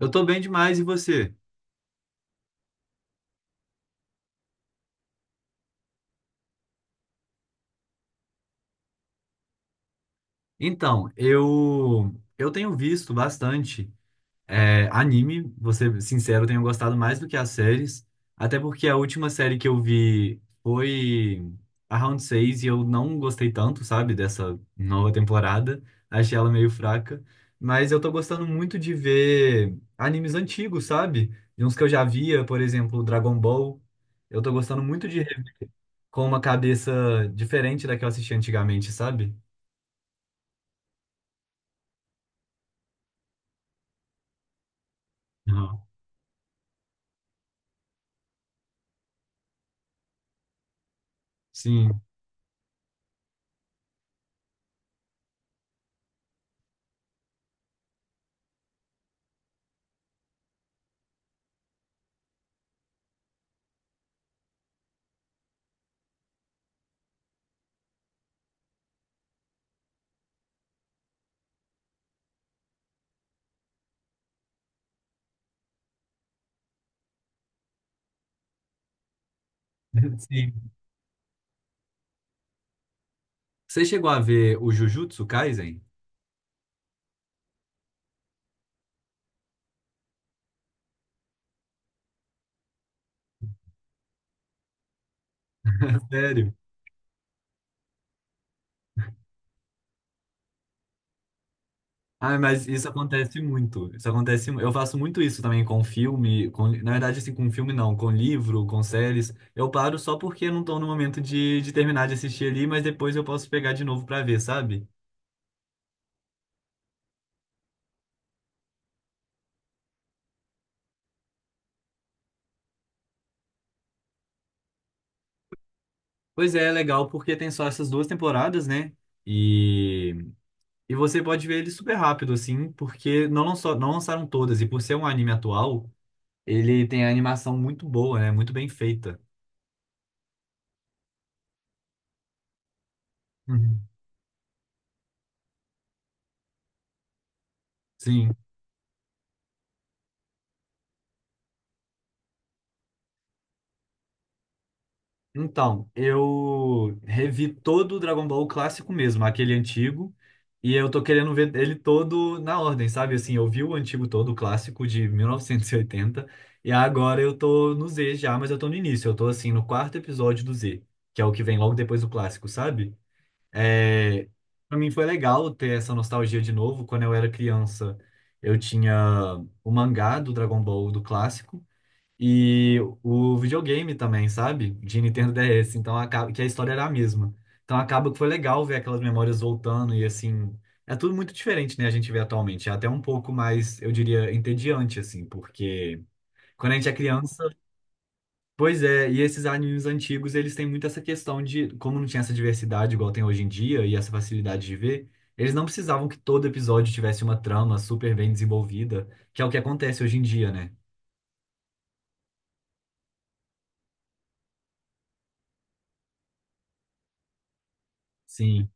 Eu tô bem demais, e você? Então, eu tenho visto bastante anime. Vou ser sincero, eu tenho gostado mais do que as séries, até porque a última série que eu vi foi a Round 6 e eu não gostei tanto, sabe, dessa nova temporada. Achei ela meio fraca. Mas eu tô gostando muito de ver animes antigos, sabe? De uns que eu já via, por exemplo, Dragon Ball, eu tô gostando muito de rever com uma cabeça diferente da que eu assisti antigamente, sabe? Aham. Sim, sim. Você chegou a ver o Jujutsu Kaisen? Sério? Ah, mas isso acontece muito. Isso acontece. Eu faço muito isso também com filme, com, na verdade, assim, com filme não, com livro, com séries. Eu paro só porque eu não tô no momento de terminar de assistir ali, mas depois eu posso pegar de novo pra ver, sabe? Pois é, é legal porque tem só essas duas temporadas, né? E, e você pode ver ele super rápido, assim, porque não, lançou, não lançaram todas. E por ser um anime atual. Ele tem a animação muito boa, né? Muito bem feita. Uhum. Sim. Então, eu revi todo o Dragon Ball clássico mesmo, aquele antigo, e eu tô querendo ver ele todo na ordem, sabe? Assim, eu vi o antigo todo, o clássico de 1980, e 80. E agora eu tô no Z já, mas eu tô no início. Eu tô assim no quarto episódio do Z, que é o que vem logo depois do clássico, sabe? É, para mim foi legal ter essa nostalgia de novo. Quando eu era criança, eu tinha o mangá do Dragon Ball, do clássico, e o videogame também, sabe? De Nintendo DS. Então acaba que a história era a mesma. Então acaba que foi legal ver aquelas memórias voltando e assim. É tudo muito diferente, né? A gente vê atualmente. É até um pouco mais, eu diria, entediante, assim, porque quando a gente é criança. Pois é, e esses animes antigos, eles têm muito essa questão de, como não tinha essa diversidade igual tem hoje em dia e essa facilidade de ver, eles não precisavam que todo episódio tivesse uma trama super bem desenvolvida, que é o que acontece hoje em dia, né? Sim.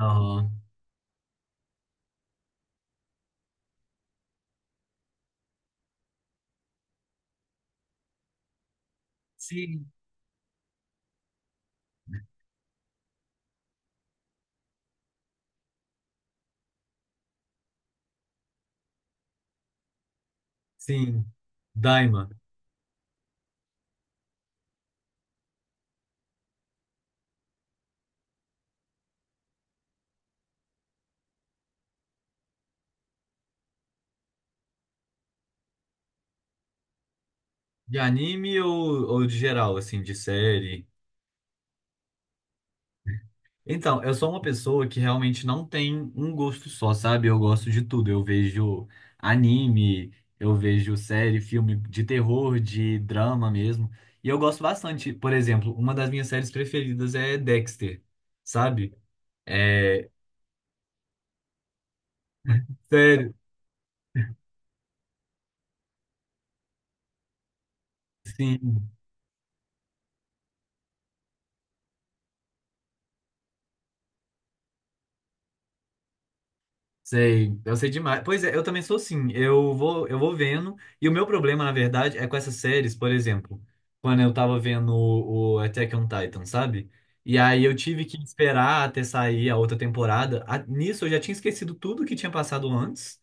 Aham. Sim. Sim. Daima. De anime ou de geral, assim, de série? Então, eu sou uma pessoa que realmente não tem um gosto só, sabe? Eu gosto de tudo. Eu vejo anime, eu vejo série, filme de terror, de drama mesmo. E eu gosto bastante. Por exemplo, uma das minhas séries preferidas é Dexter, sabe? É, sério, sim. Sei, eu sei demais. Pois é, eu também sou assim. Eu vou vendo. E o meu problema, na verdade, é com essas séries, por exemplo, quando eu tava vendo o Attack on Titan, sabe? E aí eu tive que esperar até sair a outra temporada. Nisso eu já tinha esquecido tudo que tinha passado antes.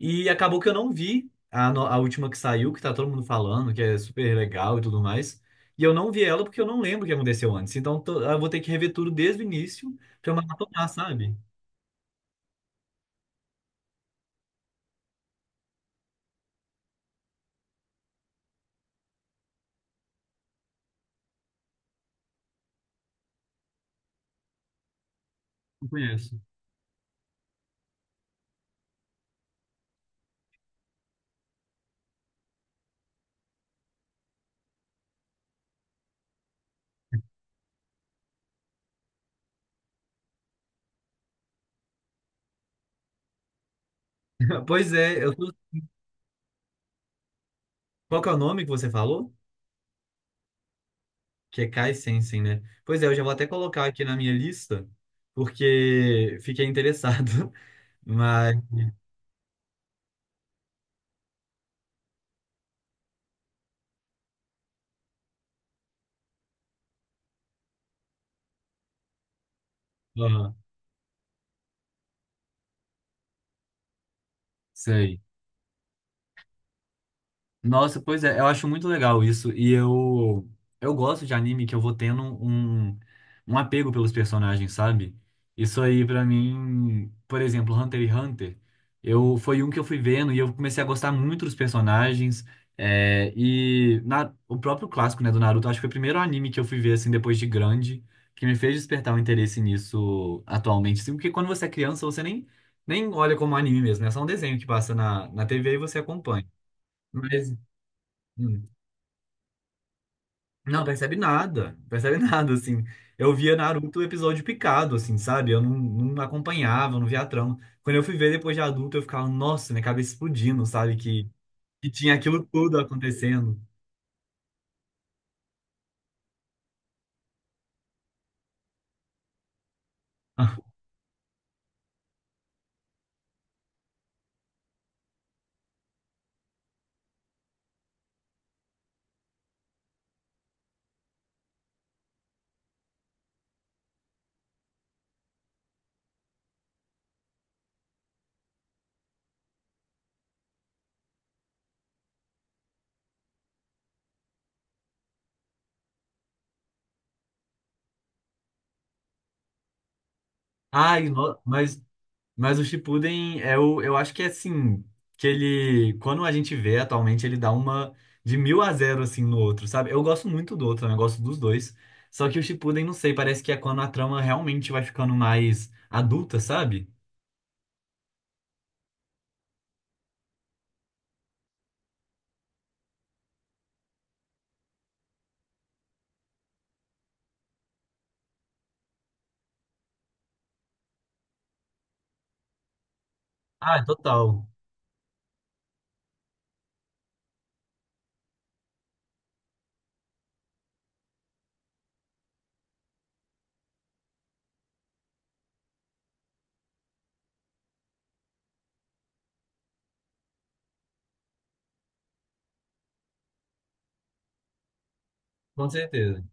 E acabou que eu não vi a, no- a última que saiu, que tá todo mundo falando, que é super legal e tudo mais. E eu não vi ela porque eu não lembro o que aconteceu antes. Então eu vou ter que rever tudo desde o início pra eu maratonar, sabe? Não conheço. Pois é, eu, qual que é o nome que você falou? Que é Kai Sensen, né? Pois é, eu já vou até colocar aqui na minha lista, porque fiquei interessado. Mas, aham, sei. Nossa, pois é, eu acho muito legal isso. E eu gosto de anime que eu vou tendo um apego pelos personagens, sabe? Isso aí, pra mim, por exemplo, Hunter x Hunter, foi um que eu fui vendo e eu comecei a gostar muito dos personagens. E o próprio clássico, né, do Naruto, acho que foi o primeiro anime que eu fui ver, assim, depois de grande, que me fez despertar um interesse nisso atualmente. Assim, porque quando você é criança, você nem olha como anime mesmo, né? É só um desenho que passa na TV e você acompanha. Mas. Hum. Não percebe nada, percebe nada, assim. Eu via Naruto episódio picado, assim, sabe? Eu não acompanhava, não via a trama. Quando eu fui ver depois de adulto, eu ficava, nossa, minha cabeça explodindo, sabe? Que tinha aquilo tudo acontecendo. Ai, mas o Shippuden, é o, eu acho que é assim, que ele, quando a gente vê atualmente, ele dá uma de mil a zero, assim, no outro, sabe? Eu gosto muito do outro, né? Eu gosto dos dois. Só que o Shippuden, não sei, parece que é quando a trama realmente vai ficando mais adulta, sabe? Ah, total. Com certeza.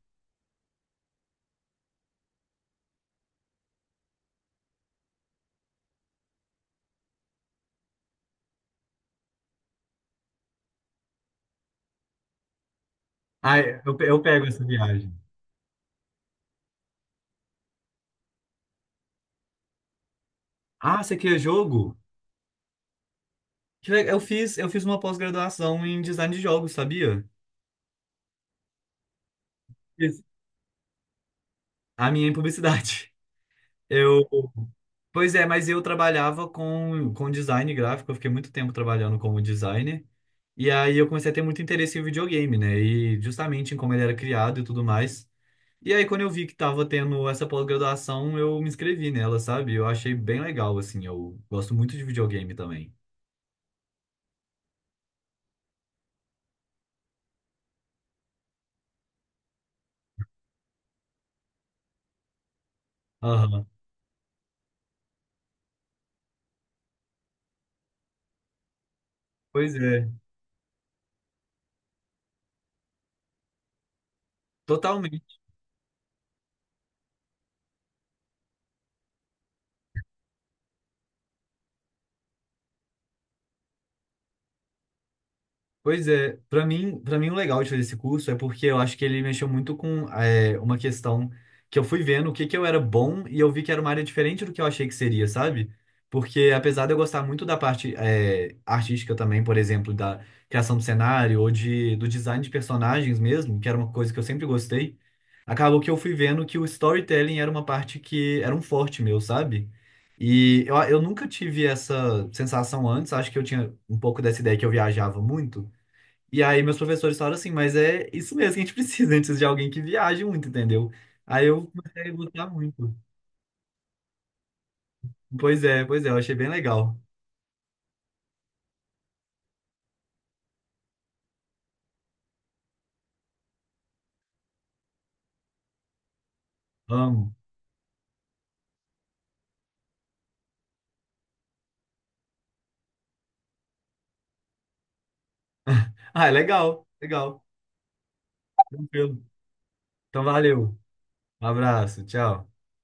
Ah, eu pego essa viagem. Ah, você quer jogo? Eu fiz uma pós-graduação em design de jogos, sabia? Fiz. A minha em publicidade. Eu, Pois é, mas eu trabalhava com design gráfico. Eu fiquei muito tempo trabalhando como designer. E aí eu comecei a ter muito interesse em videogame, né? E justamente em como ele era criado e tudo mais. E aí quando eu vi que tava tendo essa pós-graduação, eu me inscrevi nela, sabe? Eu achei bem legal, assim, eu gosto muito de videogame também. Aham. Pois é, totalmente. Pois é, para mim o legal de fazer esse curso é porque eu acho que ele mexeu muito com uma questão que eu fui vendo o que que eu era bom e eu vi que era uma área diferente do que eu achei que seria, sabe? Porque apesar de eu gostar muito da parte artística também, por exemplo, da criação do cenário ou do design de personagens mesmo, que era uma coisa que eu sempre gostei, acabou que eu fui vendo que o storytelling era uma parte que era um forte meu, sabe? E eu nunca tive essa sensação antes. Acho que eu tinha um pouco dessa ideia que eu viajava muito. E aí meus professores falaram assim, mas é isso mesmo que a gente precisa, antes de alguém que viaje muito, entendeu? Aí eu comecei a gostar muito. Pois é, eu achei bem legal. Amo. Ah, é legal, legal. Tranquilo. Então valeu. Um abraço, tchau.